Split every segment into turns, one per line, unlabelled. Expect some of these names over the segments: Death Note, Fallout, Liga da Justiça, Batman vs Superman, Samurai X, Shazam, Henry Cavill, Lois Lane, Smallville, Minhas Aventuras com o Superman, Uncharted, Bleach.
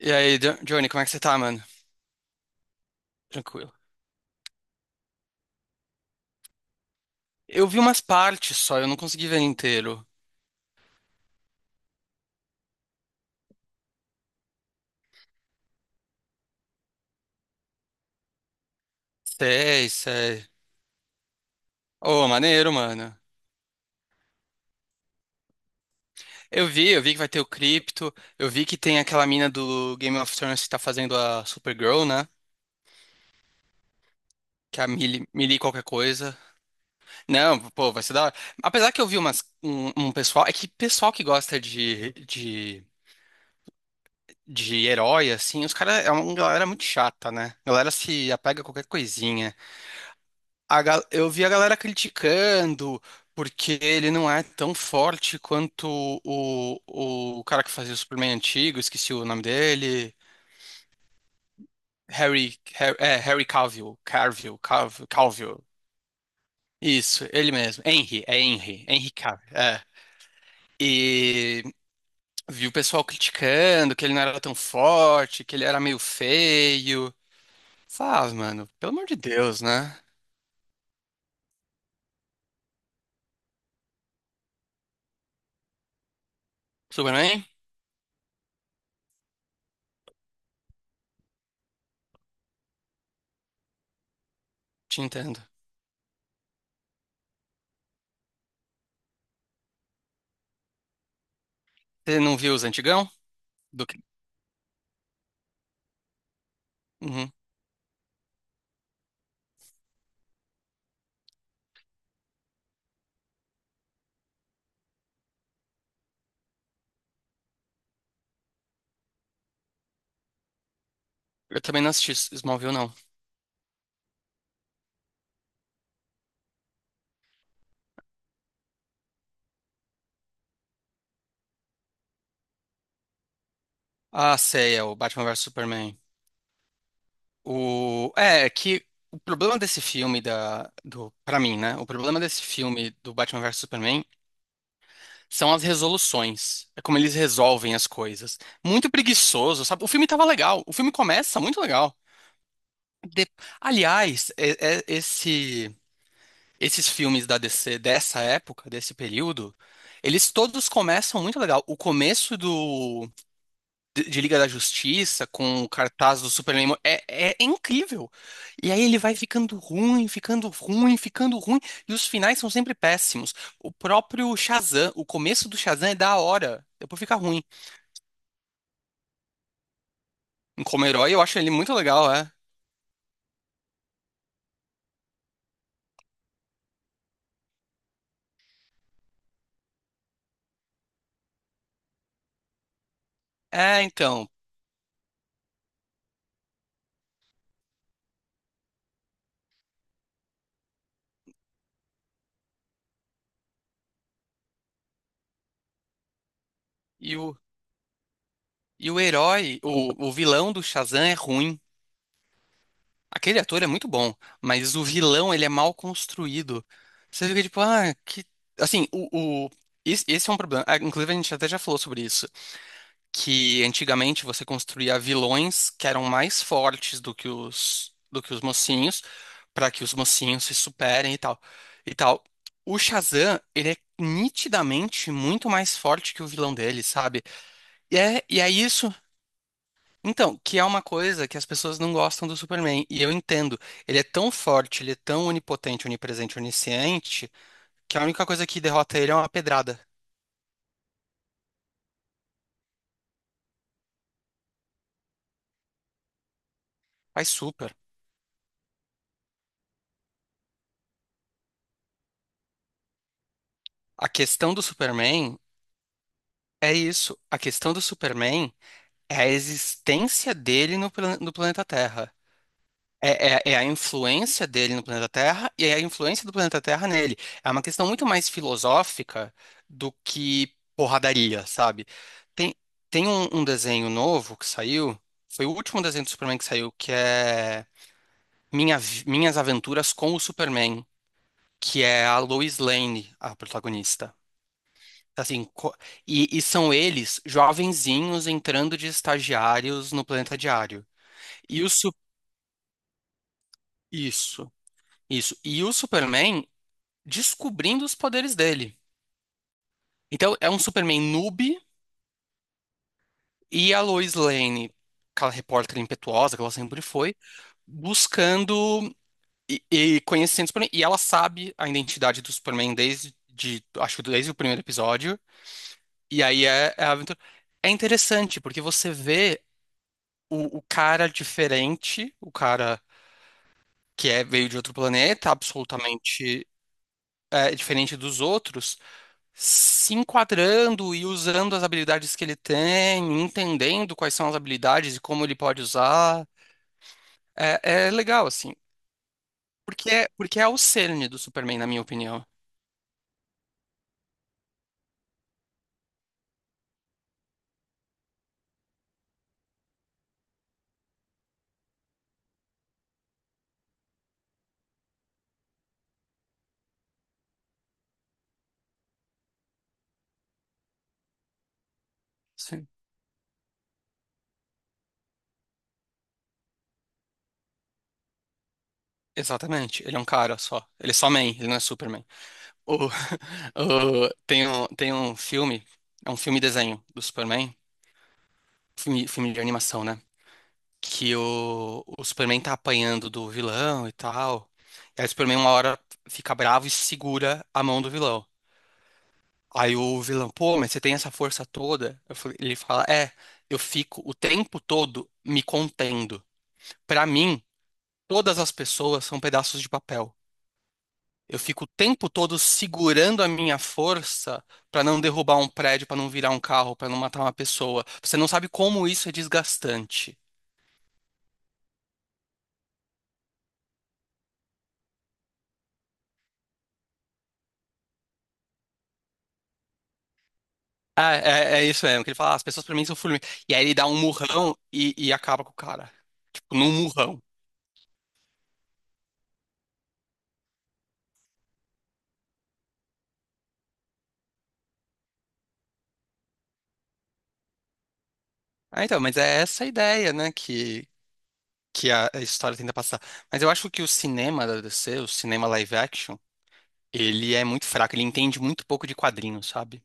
E aí, Johnny, como é que você tá, mano? Tranquilo. Eu vi umas partes só, eu não consegui ver inteiro. Sei, sei. Ô, maneiro, mano. Eu vi que vai ter o Crypto, eu vi que tem aquela mina do Game of Thrones que tá fazendo a Supergirl, né? Que é a Millie qualquer coisa. Não, pô, vai ser da hora. Apesar que eu vi um pessoal, é que pessoal que gosta de herói, assim, os caras é uma galera muito chata, né? A galera se apega a qualquer coisinha. Eu vi a galera criticando porque ele não é tão forte quanto o cara que fazia o Superman antigo, esqueci o nome dele. Harry Calvill. Isso, ele mesmo. Henry Cavill, é. E vi o pessoal criticando que ele não era tão forte, que ele era meio feio. Faz, mano, pelo amor de Deus, né? Superman? Te entendo. Você não viu os antigão? Do que? Uhum. Eu também não assisti Smallville, não. Ah, sei, é o Batman vs Superman. É que o problema desse filme pra mim, né? O problema desse filme do Batman vs Superman são as resoluções. É como eles resolvem as coisas. Muito preguiçoso, sabe? O filme tava legal. O filme começa muito legal. De- Aliás, esses filmes da DC dessa época, desse período, eles todos começam muito legal. O começo do de Liga da Justiça, com o cartaz do Superman. É, é incrível. E aí ele vai ficando ruim, ficando ruim, ficando ruim. E os finais são sempre péssimos. O próprio Shazam, o começo do Shazam é da hora. Depois fica ruim. Como herói, eu acho ele muito legal, é. É, então. E o, e o herói, o vilão do Shazam é ruim. Aquele ator é muito bom, mas o vilão, ele é mal construído. Você fica tipo, ah, que. Assim, esse é um problema. Ah, inclusive, a gente até já falou sobre isso. Que antigamente você construía vilões que eram mais fortes do que os mocinhos, para que os mocinhos se superem e tal. E tal. O Shazam, ele é nitidamente muito mais forte que o vilão dele, sabe? E é isso, então, que é uma coisa que as pessoas não gostam do Superman, e eu entendo. Ele é tão forte, ele é tão onipotente, onipresente, onisciente, que a única coisa que derrota ele é uma pedrada. Mas super. A questão do Superman é isso. A questão do Superman é a existência dele no, no planeta Terra. É a influência dele no planeta Terra e é a influência do planeta Terra nele. É uma questão muito mais filosófica do que porradaria, sabe? Tem, Tem um desenho novo que saiu, foi o último desenho do Superman que saiu, que é Minhas Aventuras com o Superman, que é a Lois Lane, a protagonista. Assim, co- e, e são eles, jovenzinhos, entrando de estagiários no planeta diário. E o su- Isso, isso. E o Superman descobrindo os poderes dele. Então, é um Superman noob e a Lois Lane, aquela repórter impetuosa que ela sempre foi, buscando e conhecendo o Superman. E ela sabe a identidade do Superman acho que desde o primeiro episódio. E aí é a aventura. É interessante, porque você vê o cara diferente, o cara que é, veio de outro planeta, absolutamente diferente dos outros. Se enquadrando e usando as habilidades que ele tem, entendendo quais são as habilidades e como ele pode usar. É, é legal, assim. Porque é o cerne do Superman, na minha opinião. Sim. Exatamente. Ele é um cara só. Ele é só man, ele não é Superman. O, tem um filme, é um filme desenho do Superman, filme de animação, né? Que o Superman tá apanhando do vilão e tal. E aí o Superman uma hora fica bravo e segura a mão do vilão. Aí o vilão, pô, mas você tem essa força toda? Ele fala, é, eu fico o tempo todo me contendo. Pra mim, todas as pessoas são pedaços de papel. Eu fico o tempo todo segurando a minha força pra não derrubar um prédio, pra não virar um carro, pra não matar uma pessoa. Você não sabe como isso é desgastante. Ah, é, é isso mesmo, que ele fala, "Ah, as pessoas pra mim são formigas." E aí ele dá um murrão e acaba com o cara. Tipo, num murrão. Ah, então, mas é essa a ideia, né, que a a história tenta passar. Mas eu acho que o cinema da DC, o cinema live action, ele é muito fraco, ele entende muito pouco de quadrinhos, sabe?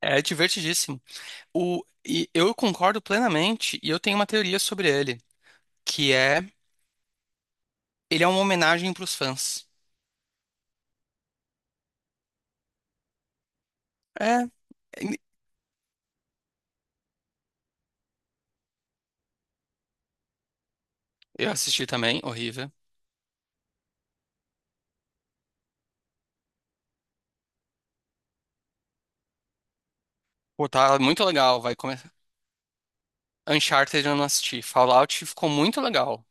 É divertidíssimo. O, e eu concordo plenamente, e eu tenho uma teoria sobre ele, que é, ele é uma homenagem pros fãs. É, eu assisti também, horrível. Pô, tá muito legal, vai começar. Uncharted eu não assisti, Fallout ficou muito legal.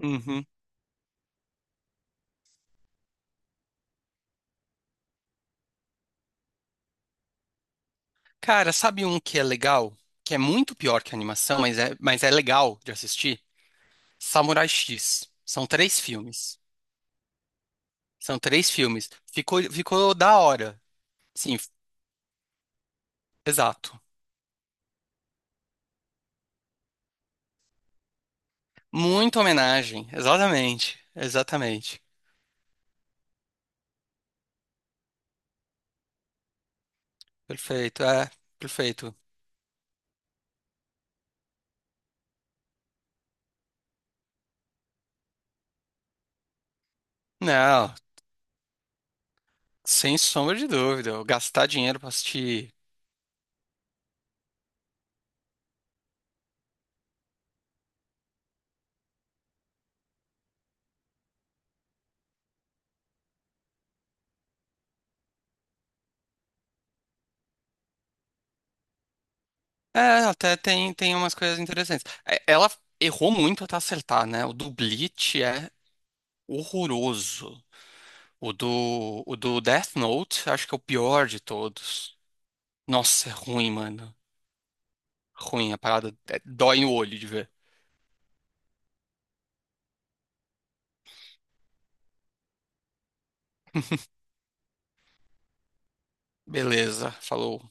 Uhum. Cara, sabe um que é legal? Que é muito pior que a animação, mas mas é legal de assistir? Samurai X. São três filmes. São três filmes. Ficou, ficou da hora. Sim, exato. Muita homenagem. Exatamente. Exatamente. Perfeito, é. Perfeito. Não, sem sombra de dúvida. Eu gastar dinheiro pra assistir. É, até tem, tem umas coisas interessantes. É, ela errou muito até acertar, né? O do Bleach é horroroso. O do Death Note, acho que é o pior de todos. Nossa, é ruim, mano. Ruim, a parada é- dói no olho de ver. Beleza, falou.